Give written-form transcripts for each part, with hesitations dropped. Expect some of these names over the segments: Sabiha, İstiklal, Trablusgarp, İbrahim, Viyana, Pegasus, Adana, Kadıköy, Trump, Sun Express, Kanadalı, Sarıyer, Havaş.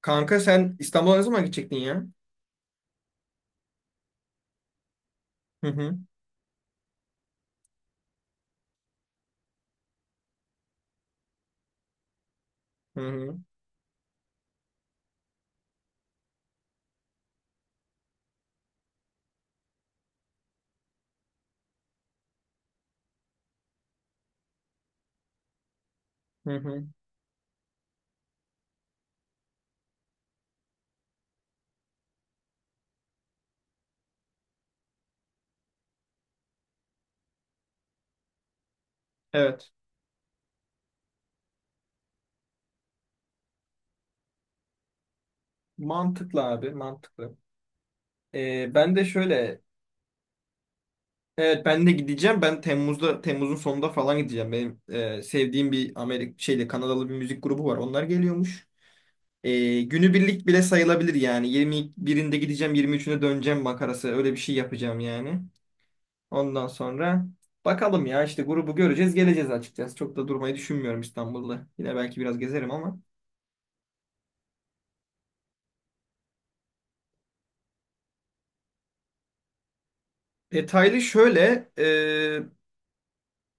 Kanka sen İstanbul'a ne zaman gidecektin ya? Hı hı. Hı hı. Hı hı. Evet. Mantıklı abi, mantıklı. Ee, ben de şöyle, evet, ben de gideceğim. Ben Temmuz'da, Temmuz'un sonunda falan gideceğim. Benim sevdiğim bir Amerik şeyde Kanadalı bir müzik grubu var. Onlar geliyormuş. Günübirlik bile sayılabilir yani. 21'inde gideceğim, 23'üne döneceğim makarası. Öyle bir şey yapacağım yani. Ondan sonra bakalım ya işte grubu göreceğiz, geleceğiz açıkçası. Çok da durmayı düşünmüyorum İstanbul'da. Yine belki biraz gezerim ama. Detaylı şöyle,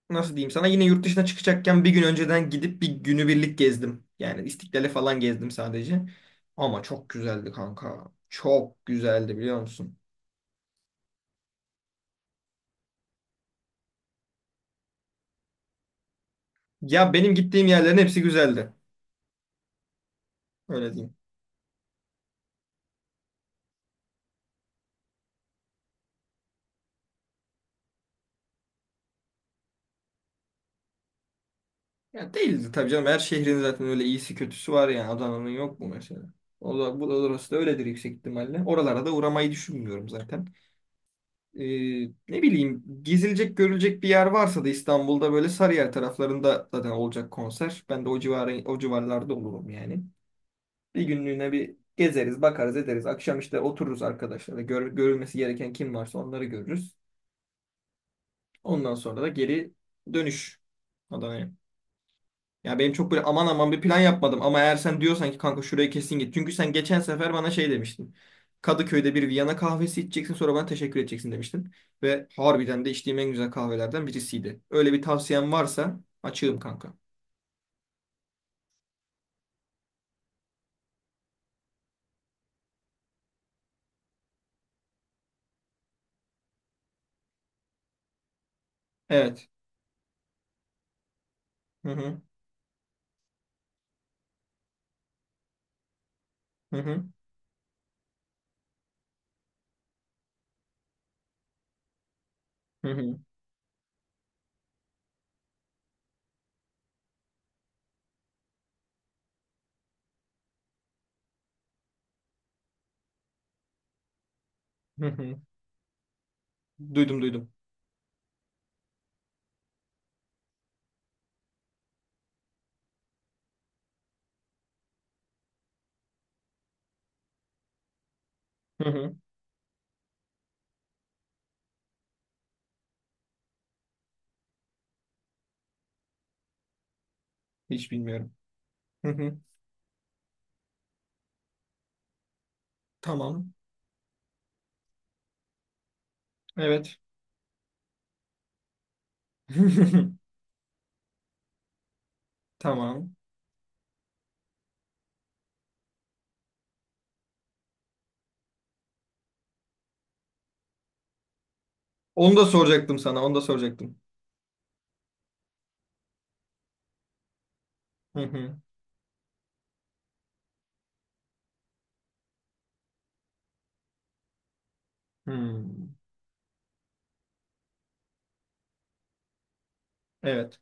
nasıl diyeyim sana yine yurt dışına çıkacakken bir gün önceden gidip bir günübirlik gezdim. Yani İstiklal'e falan gezdim sadece. Ama çok güzeldi kanka. Çok güzeldi biliyor musun? Ya benim gittiğim yerlerin hepsi güzeldi. Öyle diyeyim. Ya değildi tabii canım. Her şehrin zaten öyle iyisi kötüsü var yani. Adana'nın yok mu mesela? O da, bu da orası da öyledir yüksek ihtimalle. Oralara da uğramayı düşünmüyorum zaten. e, Ne bileyim gezilecek görülecek bir yer varsa da İstanbul'da böyle Sarıyer taraflarında zaten olacak konser. Ben de o civarı, o civarlarda olurum yani. Bir günlüğüne bir gezeriz, bakarız, ederiz. Akşam işte otururuz arkadaşlarla. Görülmesi gereken kim varsa onları görürüz. Ondan sonra da geri dönüş Adana'ya. Ya benim çok böyle aman aman bir plan yapmadım ama eğer sen diyorsan ki kanka şurayı kesin git. Çünkü sen geçen sefer bana şey demiştin. Kadıköy'de bir Viyana kahvesi içeceksin sonra bana teşekkür edeceksin demiştin. Ve harbiden de içtiğim en güzel kahvelerden birisiydi. Öyle bir tavsiyen varsa açığım kanka. Evet. Hı hı. Hı hı. Hı hı. Hı hı. Duydum duydum. Hı hı. Hiç bilmiyorum. Hı hı. Tamam. Evet. Tamam. Onu da soracaktım sana. Onu da soracaktım. Hı hı. Hmm. Evet.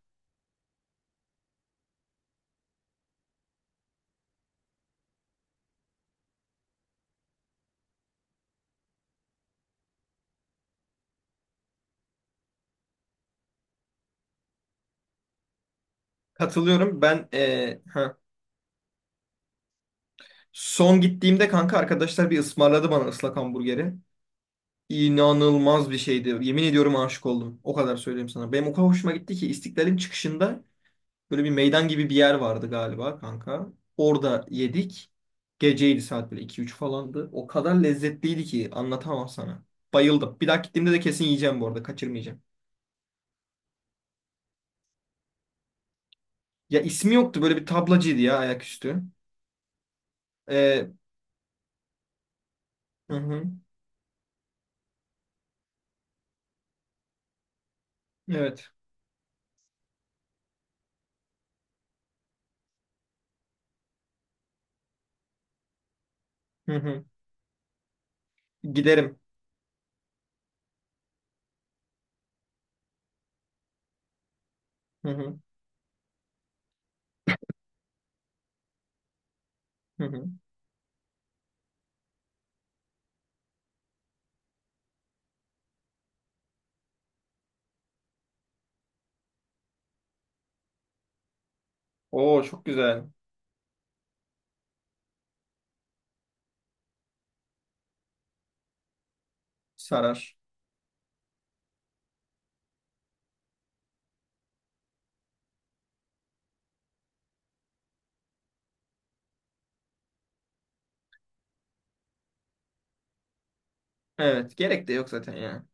Katılıyorum. Son gittiğimde kanka arkadaşlar bir ısmarladı bana ıslak hamburgeri. İnanılmaz bir şeydi. Yemin ediyorum aşık oldum. O kadar söyleyeyim sana. Benim o kadar hoşuma gitti ki İstiklal'in çıkışında böyle bir meydan gibi bir yer vardı galiba kanka. Orada yedik. Geceydi saat böyle iki üç falandı. O kadar lezzetliydi ki anlatamam sana. Bayıldım. Bir daha gittiğimde de kesin yiyeceğim bu arada. Kaçırmayacağım. Ya ismi yoktu. Böyle bir tablacıydı ya ayaküstü. Ee, hı hı. Evet. Hı hı. Giderim. Hı hı. Hı hı. Oo çok güzel. Sarar. Evet. Gerek de yok zaten ya.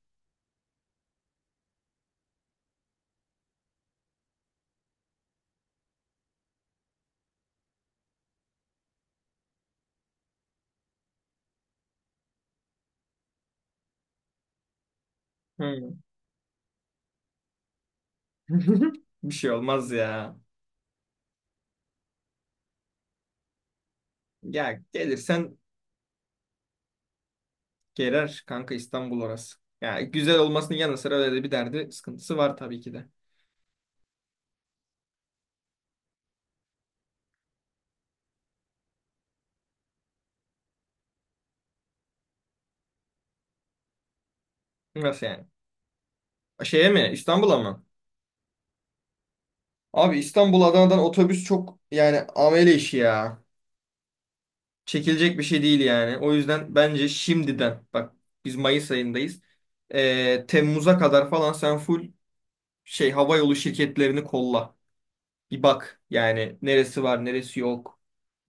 Hı. Bir şey olmaz ya. Ya gelirsen gelir kanka İstanbul orası. Ya güzel olmasının yanı sıra öyle de bir derdi sıkıntısı var tabii ki de. Nasıl yani? Şeye mi? İstanbul'a mı? Abi İstanbul Adana'dan otobüs çok yani amele işi ya. Çekilecek bir şey değil yani. O yüzden bence şimdiden bak biz Mayıs ayındayız. Temmuz'a kadar falan sen full şey hava yolu şirketlerini kolla. Bir bak yani neresi var neresi yok.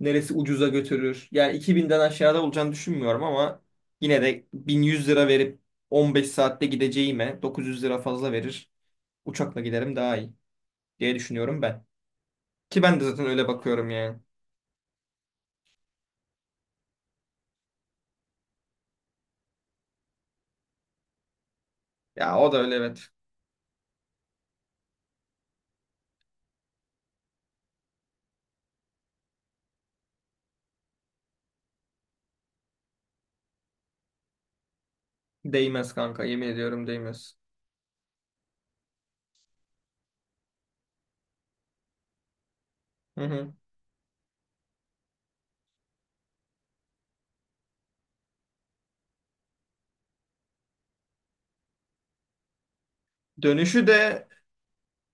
Neresi ucuza götürür. Yani 2000'den aşağıda olacağını düşünmüyorum ama yine de 1100 lira verip 15 saatte gideceğime 900 lira fazla verir. Uçakla giderim daha iyi diye düşünüyorum ben. Ki ben de zaten öyle bakıyorum yani. Ya o da öyle evet. Değmez kanka yemin ediyorum değmez. Hı hı. Dönüşü de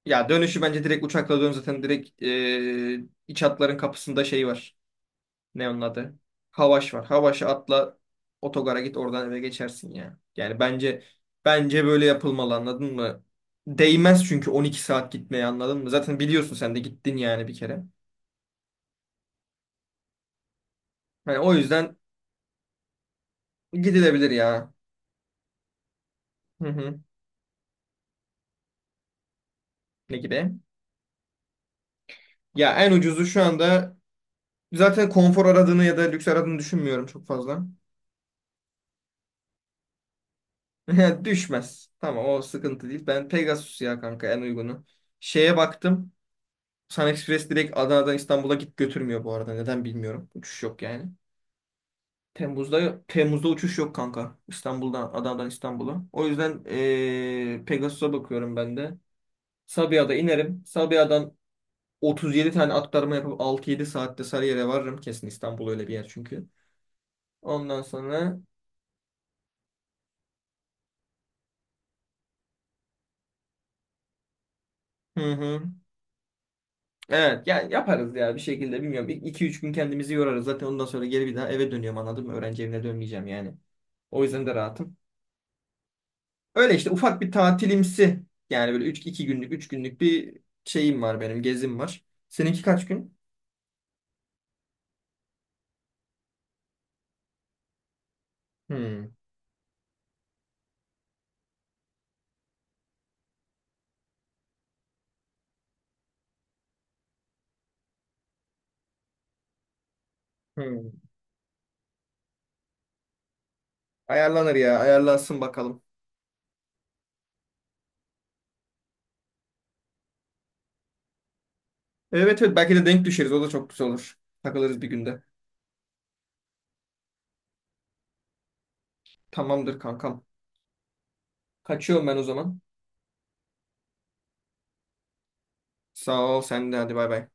ya dönüşü bence direkt uçakla dön zaten direkt iç hatların kapısında şey var. Ne onun adı? Havaş var. Havaş'a atla otogara git oradan eve geçersin ya. Yani bence böyle yapılmalı anladın mı? Değmez çünkü 12 saat gitmeye anladın mı? Zaten biliyorsun sen de gittin yani bir kere. Yani o yüzden gidilebilir ya. Hı hı. Ne gibi? Ya en ucuzu şu anda zaten konfor aradığını ya da lüks aradığını düşünmüyorum çok fazla. Düşmez. Tamam o sıkıntı değil. Ben Pegasus ya kanka en uygunu. Şeye baktım. Sun Express direkt Adana'dan İstanbul'a git götürmüyor bu arada. Neden bilmiyorum. Uçuş yok yani. Temmuz'da uçuş yok kanka. İstanbul'dan Adana'dan İstanbul'a. O yüzden Pegasus'a bakıyorum ben de. Sabiha'da inerim. Sabiha'dan 37 tane aktarma yapıp 6-7 saatte Sarıyer'e varırım. Kesin İstanbul öyle bir yer çünkü. Ondan sonra hı hı. Evet ya yaparız ya bir şekilde bilmiyorum. İki üç gün kendimizi yorarız. Zaten ondan sonra geri bir daha eve dönüyorum anladın mı? Öğrenci evine dönmeyeceğim yani. O yüzden de rahatım. Öyle işte ufak bir tatilimsi yani böyle 3 2 günlük 3 günlük bir şeyim var benim gezim var. Seninki kaç gün? Hmm. Hmm. Ayarlanır ya ayarlansın bakalım. Evet evet belki de denk düşeriz o da çok güzel olur. Takılırız bir günde. Tamamdır kankam. Kaçıyorum ben o zaman. Sağ ol sen de hadi bay bay.